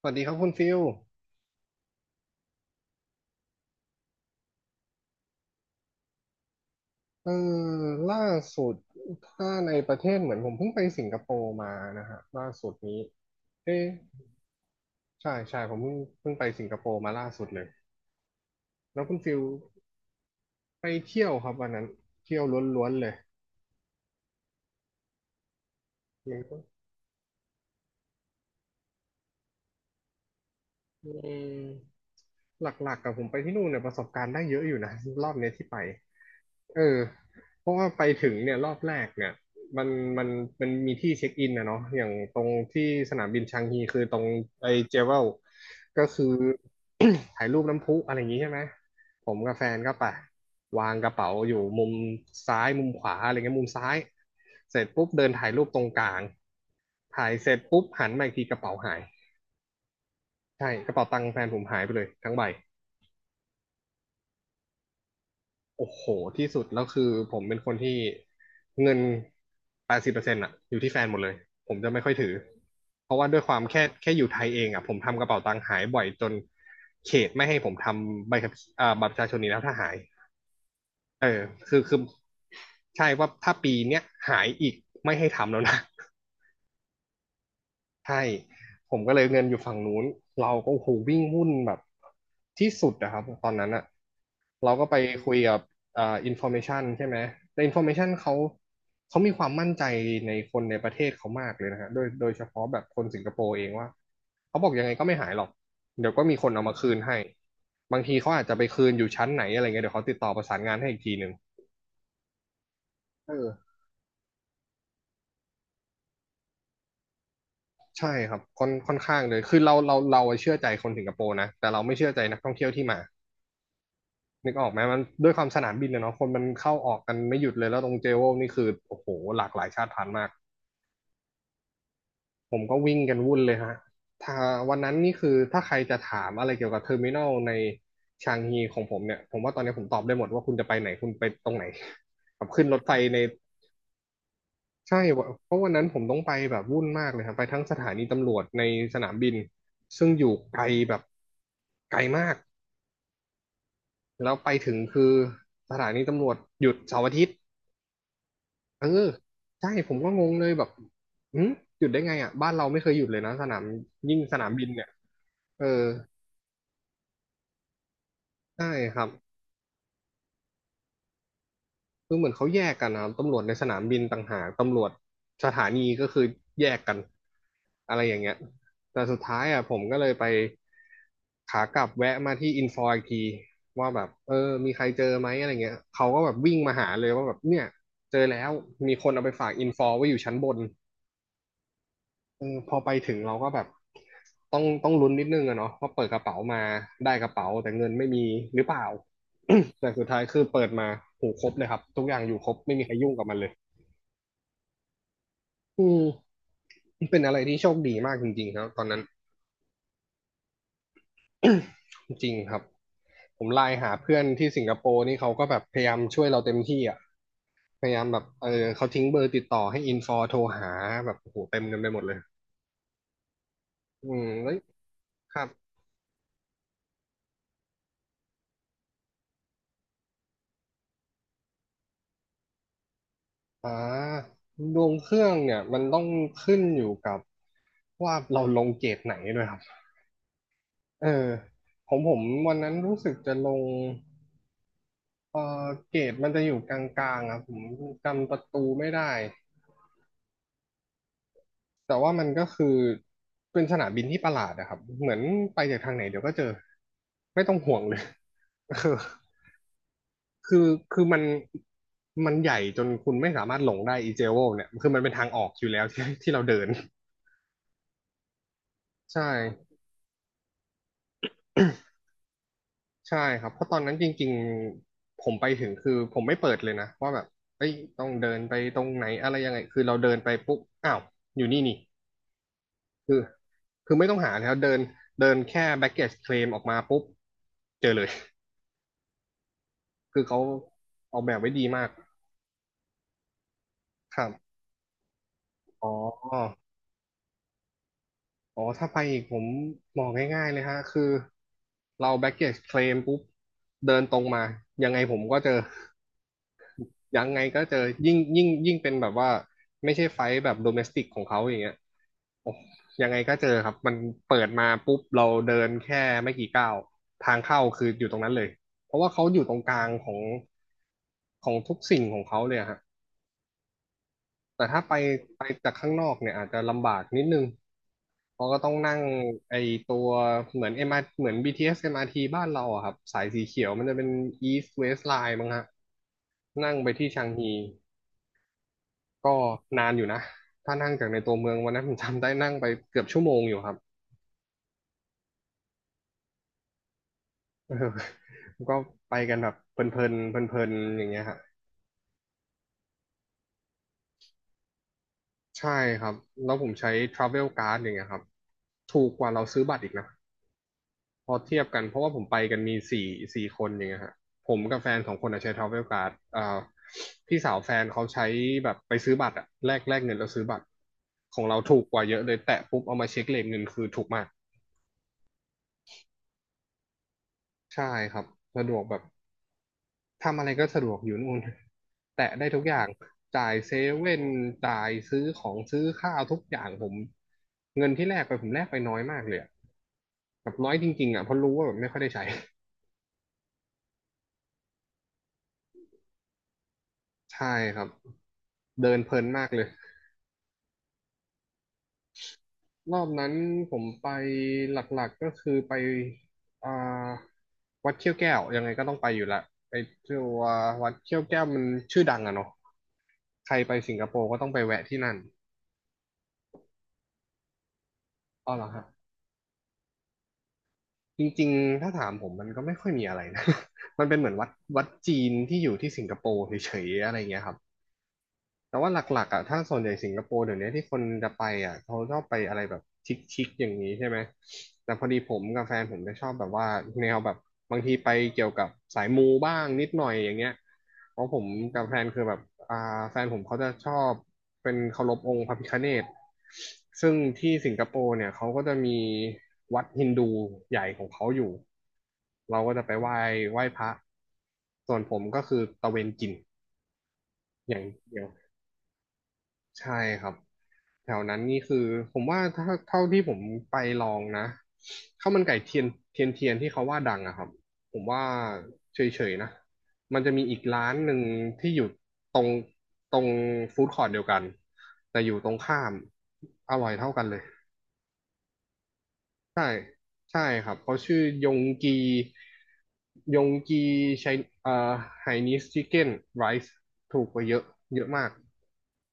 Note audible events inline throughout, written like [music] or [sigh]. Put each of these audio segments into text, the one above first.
สวัสดีครับคุณฟิลเออล่าสุดถ้าในประเทศเหมือนผมเพิ่งไปสิงคโปร์มานะฮะล่าสุดนี้เอ๊ะใช่ใช่ผมเพิ่งไปสิงคโปร์มาล่าสุดเลยแล้วคุณฟิลไปเที่ยวครับวันนั้นเที่ยวล้วนๆเลยมันก็อืมหลักๆกับผมไปที่นู่นเนี่ยประสบการณ์ได้เยอะอยู่นะรอบเนี้ยที่ไป เออเพราะว่าไปถึงเนี่ยรอบแรกเนี่ยมันมันมันมีที่เช็คอินนะเนาะอย่างตรงที่สนามบินชางฮีคือตรงไอเจเวลก็คือ [coughs] ถ่ายรูปน้ำพุอะไรอย่างงี้ใช่ไหมผมกับแฟนก็ไปวางกระเป๋าอยู่มุมซ้ายมุมขวาอะไรเงี้ยมุมซ้ายเสร็จปุ๊บเดินถ่ายรูปตรงกลางถ่ายเสร็จปุ๊บหันมาอีกทีกระเป๋าหายใช่กระเป๋าตังค์แฟนผมหายไปเลยทั้งใบ โอ้โหที่สุดแล้วคือผมเป็นคนที่เงิน80%อะอยู่ที่แฟนหมดเลยผมจะไม่ค่อยถือเพราะว่าด้วยความแค่อยู่ไทยเองอะผมทำกระเป๋าตังค์หายบ่อยจนเขตไม่ให้ผมทำใบขับบัตรประชาชนนี้แล้วถ้าหายเออคือใช่ว่าถ้าปีเนี้ยหายอีกไม่ให้ทำแล้วนะ ใช่ ผมก็เลยเงินอยู่ฝั่งนู้น เราก็โอ้โหวิ่งหุ้นแบบที่สุดนะครับตอนนั้นอะเราก็ไปคุยกับอินฟอร์เมชันใช่ไหมแต่อินฟอร์เมชันเขามีความมั่นใจในคนในประเทศเขามากเลยนะฮะโดยเฉพาะแบบคนสิงคโปร์เองว่าเขาบอกยังไงก็ไม่หายหรอกเดี๋ยวก็มีคนเอามาคืนให้บางทีเขาอาจจะไปคืนอยู่ชั้นไหนอะไรเงี้ยเดี๋ยวเขาติดต่อประสานงานให้อีกทีหนึ่งเออใช่ครับค่อนข้างเลยคือเราเชื่อใจคนสิงคโปร์นะแต่เราไม่เชื่อใจนักท่องเที่ยวที่มา นึกออกไหมมันด้วยความสนามบินอะเนาะคนมันเข้าออกกันไม่หยุดเลยแล้วตรงเจโวลนี่คือโอ้โหหลากหลายชาติพันธุ์มากผมก็วิ่งกันวุ่นเลยฮะถ้าวันนั้นนี่คือถ้าใครจะถามอะไรเกี่ยวกับเทอร์มินอลในชางฮีของผมเนี่ยผมว่าตอนนี้ผมตอบได้หมดว่าคุณจะไปไหนคุณไปตรงไหน [laughs] กับขึ้นรถไฟในใช่เพราะวันนั้นผมต้องไปแบบวุ่นมากเลยครับไปทั้งสถานีตำรวจในสนามบินซึ่งอยู่ไกลแบบไกลมากแล้วไปถึงคือสถานีตำรวจหยุดเสาร์อาทิตย์ เออใช่ผมก็งงเลยแบบอืมหยุดได้ไงอ่ะบ้านเราไม่เคยหยุดเลยนะสนามยิ่งสนามบินเนี่ยเออใช่ครับคือเหมือนเขาแยกกันนะครับตำรวจในสนามบินต่างหากตำรวจสถานีก็คือแยกกันอะไรอย่างเงี้ยแต่สุดท้ายอ่ะผมก็เลยไปขากลับแวะมาที่อินฟออีกทีว่าแบบมีใครเจอไหมอะไรเงี้ยเขาก็แบบวิ่งมาหาเลยว่าแบบเนี่ยเจอแล้วมีคนเอาไปฝากอินฟอไว้อยู่ชั้นบน พอไปถึงเราก็แบบต้องลุ้นนิดนึงอะเนาะว่าเปิดกระเป๋ามาได้กระเป๋าแต่เงินไม่มีหรือเปล่า [coughs] แต่สุดท้ายคือเปิดมาหูครบเลยครับทุกอย่างอยู่ครบไม่มีใครยุ่งกับมันเลยอืมเป็นอะไรที่โชคดีมากจริงๆครับตอนนั้น [coughs] จริงครับผมไลน์หาเพื่อนที่สิงคโปร์นี่เขาก็แบบพยายามช่วยเราเต็มที่อ่ะพยายามแบบเขาทิ้งเบอร์ติดต่อให้อินฟอโทรหาแบบโอ้โหเต็มกันไปหมดเลยอืมเฮ้ยครับ อ่าดวงเครื่องเนี่ยมันต้องขึ้นอยู่กับว่าเราลงเกรดไหนด้วยครับเออของผมวันนั้นรู้สึกจะลงเออเกรดมันจะอยู่กลางๆครับผมจำประตูไม่ได้แต่ว่ามันก็คือเป็นสนามบินที่ประหลาดนะครับเหมือนไปจากทางไหนเดี๋ยวก็เจอไม่ต้องห่วงเลย [laughs] คือคือคือมันใหญ่จนคุณไม่สามารถหลงได้ อีเจโวเนี่ยคือมันเป็นทางออกอยู่แล้วที่เราเดิน ใช่ [coughs] ใช่ครับเพราะตอนนั้นจริงๆผมไปถึงคือผมไม่เปิดเลยนะว่าแบบเอ้ยต้องเดินไปตรงไหนอะไรยังไงคือเราเดินไปปุ๊บอ้าวอยู่นี่นี่คือคือไม่ต้องหาแล้วเดินเดินแค่ baggage claim ออกมาปุ๊บเจอเลย [laughs] คือเขาออกแบบไว้ดีมากครับอ๋ออ๋อถ้าไปอีกผมมองง่ายๆเลยฮะคือเรา baggage claim ปุ๊บเดินตรงมายังไงผมก็เจอ ยังไงก็เจอยิ่งเป็นแบบว่าไม่ใช่ไฟท์แบบโดเมสติกของเขาอย่างเงี้ยโอ้ยังไงก็เจอครับมันเปิดมาปุ๊บเราเดินแค่ไม่กี่ก้าวทางเข้าคืออยู่ตรงนั้นเลยเพราะว่าเขาอยู่ตรงกลางของทุกสิ่งของเขาเลยอะฮะแต่ถ้าไปจากข้างนอกเนี่ยอาจจะลำบากนิดนึงเพราะก็ต้องนั่งไอตัวเหมือนเอ็มอาร์เหมือนบีทีเอสเอ็มอาร์ทีบ้านเราอะครับสายสีเขียวมันจะเป็น East West Line มั้งฮะนั่งไปที่ชางฮี ก็นานอยู่นะ ถ้านั่งจากในตัวเมืองวันนั้นผมจำได้นั่งไปเกือบชั่วโมงอยู่ครับ [laughs] เออก็ไปกันแบบเพลินๆเพลินๆอย่างเงี้ยฮะใช่ครับ แล้วผมใช้ Travel Card อย่างเงี้ยครับถูกกว่าเราซื้อบัตรอีกนะพอเทียบกันเพราะว่าผมไปกันมีสี่คนอย่างเงี้ยฮะผมกับแฟนสองคนอะใช้ Travel Card อ่าพี่สาวแฟนเขาใช้แบบไปซื้อบัตรอะแลกเงินแล้วซื้อบัตรของเราถูกกว่าเยอะเลยแตะปุ๊บเอามาเช็คเลทเงินคือถูกมากใช่ครับสะดวกแบบ ทำอะไรก็สะดวกอยู่นู่น [laughs] แตะได้ทุกอย่างจ่ายเซเว่นจ่ายซื้อของซื้อข้าวทุกอย่างผมเงินที่แลกไปผมแลกไปน้อยมากเลยอะแบบน้อยจริงๆอ่ะเพราะรู้ว่าแบบไม่ค่อยได้ใช้ [laughs] ใช่ครับ เดินเพลินมากเลยรอบนั้นผมไปหลักๆก็คือไปอ่าวัดเขี้ยวแก้วยังไงก็ต้องไปอยู่ละไปตัววัดเขี้ยวแก้วมันชื่อดังอะเนาะใครไปสิงคโปร์ก็ต้องไปแวะที่นั่นอ๋อเหรอครับ จริงๆ ถ้าถามผมมันก็ไม่ค่อยมีอะไรนะ [laughs] มันเป็นเหมือนวัดจีนที่อยู่ที่สิงคโปร์เฉยๆ อะไรเงี้ยครับ แต่ว่าหลักๆอ่ะถ้าส่วนใหญ่สิงคโปร์เดี๋ยวนี้ที่คนจะไปอ่ะเขาชอบไปอะไรแบบชิคๆอย่างนี้ใช่ไหมแต่พอดีผมกับแฟนผมจะชอบแบบว่าแนวแบบบางทีไปเกี่ยวกับสายมูบ้างนิดหน่อยอย่างเงี้ยเพราะผมกับแฟนคือแบบอ่าแฟนผมเขาจะชอบเป็นเคารพองค์พระพิฆเนศซึ่งที่สิงคโปร์เนี่ยเขาก็จะมีวัดฮินดูใหญ่ของเขาอยู่เราก็จะไปไหว้ไหว้พระส่วนผมก็คือตะเวนกินอย่างเดียว ใช่ครับแถวนั้นนี่คือผมว่าถ้าเท่าที่ผมไปลองนะข้าวมันไก่เทียนเทียนเทียนที่เขาว่าดังอะครับผมว่าเฉยๆนะมันจะมีอีกร้านหนึ่งที่อยู่ตรงตรงฟู้ดคอร์ทเดียวกันแต่อยู่ตรงข้ามอร่อยเท่ากันเลยใช่ใช่ครับเขาชื่อยงกียงกีไชเอ่อไฮนีสชิคเก้นไรซ์ถูกกว่าเยอะเยอะมาก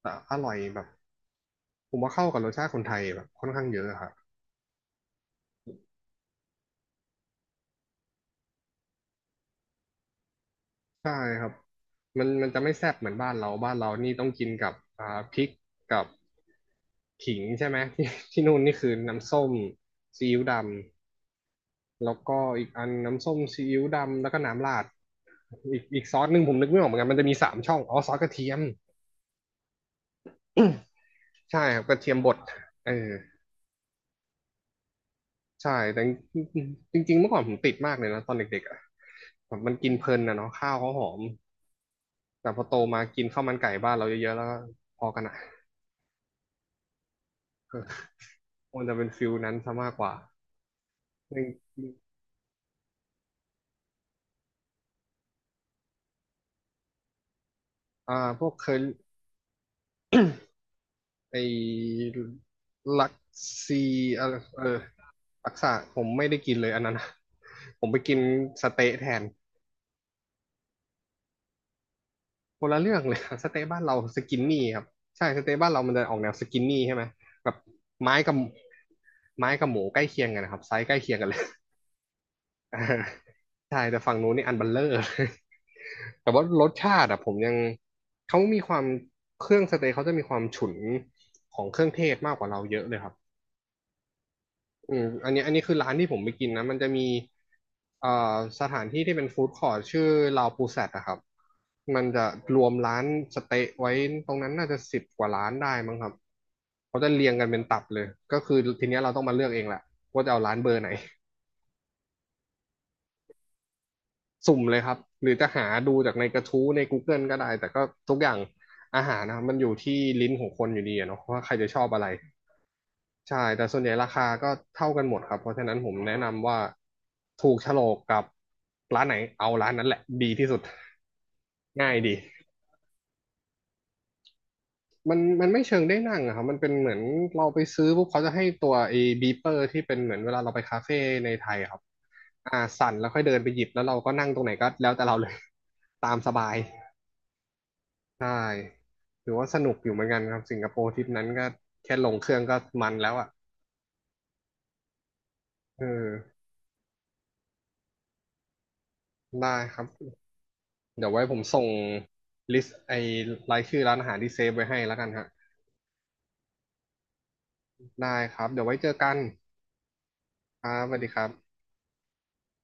แต่อร่อยแบบ ผมว่าเข้ากับรสชาติคนไทยแบบค่อนข้างเยอะครับใช่ครับมันจะไม่แซ่บเหมือนบ้านเราบ้านเรานี่ต้องกินกับอ่าพริกกับขิงใช่ไหมที่ [laughs] ที่นู่นนี่คือน้ำส้มซีอิ๊วดำแล้วก็อีกอันน้ำส้มซีอิ๊วดำแล้วก็น้ำราดอีกซอสหนึ่งผมนึกไม่ออกเหมือนกันมันจะมีสามช่องอ๋อซอสกระเทียมใช่ครับกระเทียมบดเออใช่แต่จริงจริงๆเมื่อก่อนผมติดมากเลยนะตอนเด็กๆอ่ะแบบมันกินเพลินนะเนาะข้าวเขาหอม แต่พอโตมากินข้าวมันไก่บ้านเราเยอะๆแล้วก็พอกันอ่ะ [laughs] มันจะเป็นฟิลนั้นซะมากกว่าหึ่งอ่าพวกเคยไอ้ลักซีอะไรเออลักษาผมไม่ได้กินเลยอันนั้นอะ [laughs] ผมไปกินสเต๊ะแทนคนละเรื่องเลย [laughs] สเต๊ะบ้านเราสกินนี่ครับใช่สเต๊ะบ้านเรามันจะออกแนวสกินนี่ใช่ไหมแบบไม้กับไม้กับหมูใกล้เคียงกันนะครับไซส์ใกล้เคียงกันเลย อ่าใช่แต่ฝั่งนู้นนี่อันเบัลเลอร์ [laughs] เลยแต่ว่ารสชาติอะผมยังเขามีความเครื่องสเต็กเขาจะมีความฉุนของเครื่องเทศมากกว่าเราเยอะเลยครับอืมอันนี้คือร้านที่ผมไปกินนะมันจะมีเอ่อสถานที่ที่เป็นฟู้ดคอร์ทชื่อลาวปูแซดนะครับมันจะรวมร้านสเต๊ะไว้ตรงนั้นน่าจะ10 กว่าร้านได้มั้งครับเขาจะเรียงกันเป็นตับเลยก็คือทีเนี้ยเราต้องมาเลือกเองแหละว่าจะเอาร้านเบอร์ไหน สุ่มเลยครับ หรือจะหาดูจากในกระทู้ใน Google ก็ได้ แต่ก็ทุกอย่างอาหารนะครับมันอยู่ที่ลิ้นของคนอยู่ดีอะเนาะว่าใครจะชอบอะไร ใช่ แต่ส่วนใหญ่ราคาก็เท่ากันหมดครับ เพราะฉะนั้นผมแนะนำว่าถูกโฉลกกับร้านไหนเอาร้านนั้นแหละดีที่สุด ง่ายดี มันไม่เชิงได้นั่งอะครับ มันเป็นเหมือนเราไปซื้อปุ๊บเขาจะให้ตัวไอ้บีเปอร์ที่เป็นเหมือนเวลาเราไปคาเฟ่ในไทยอะครับอ่าสั่นแล้วค่อยเดินไปหยิบแล้วเราก็นั่งตรงไหนก็แล้วแต่เราเลย [laughs] ตามสบาย ใช่ถือว่าสนุกอยู่เหมือนกันครับ สิงคโปร์ทริปนั้นก็แค่ลงเครื่องก็มันแล้วอ่ะเออได้ครับ เดี๋ยวไว้ผมส่งลิสต์ไอ้รายชื่อร้านอาหารที่เซฟไว้ให้แล้วกันฮะได้ครับ เดี๋ยวไว้เจอกันครับสวัสดีครับ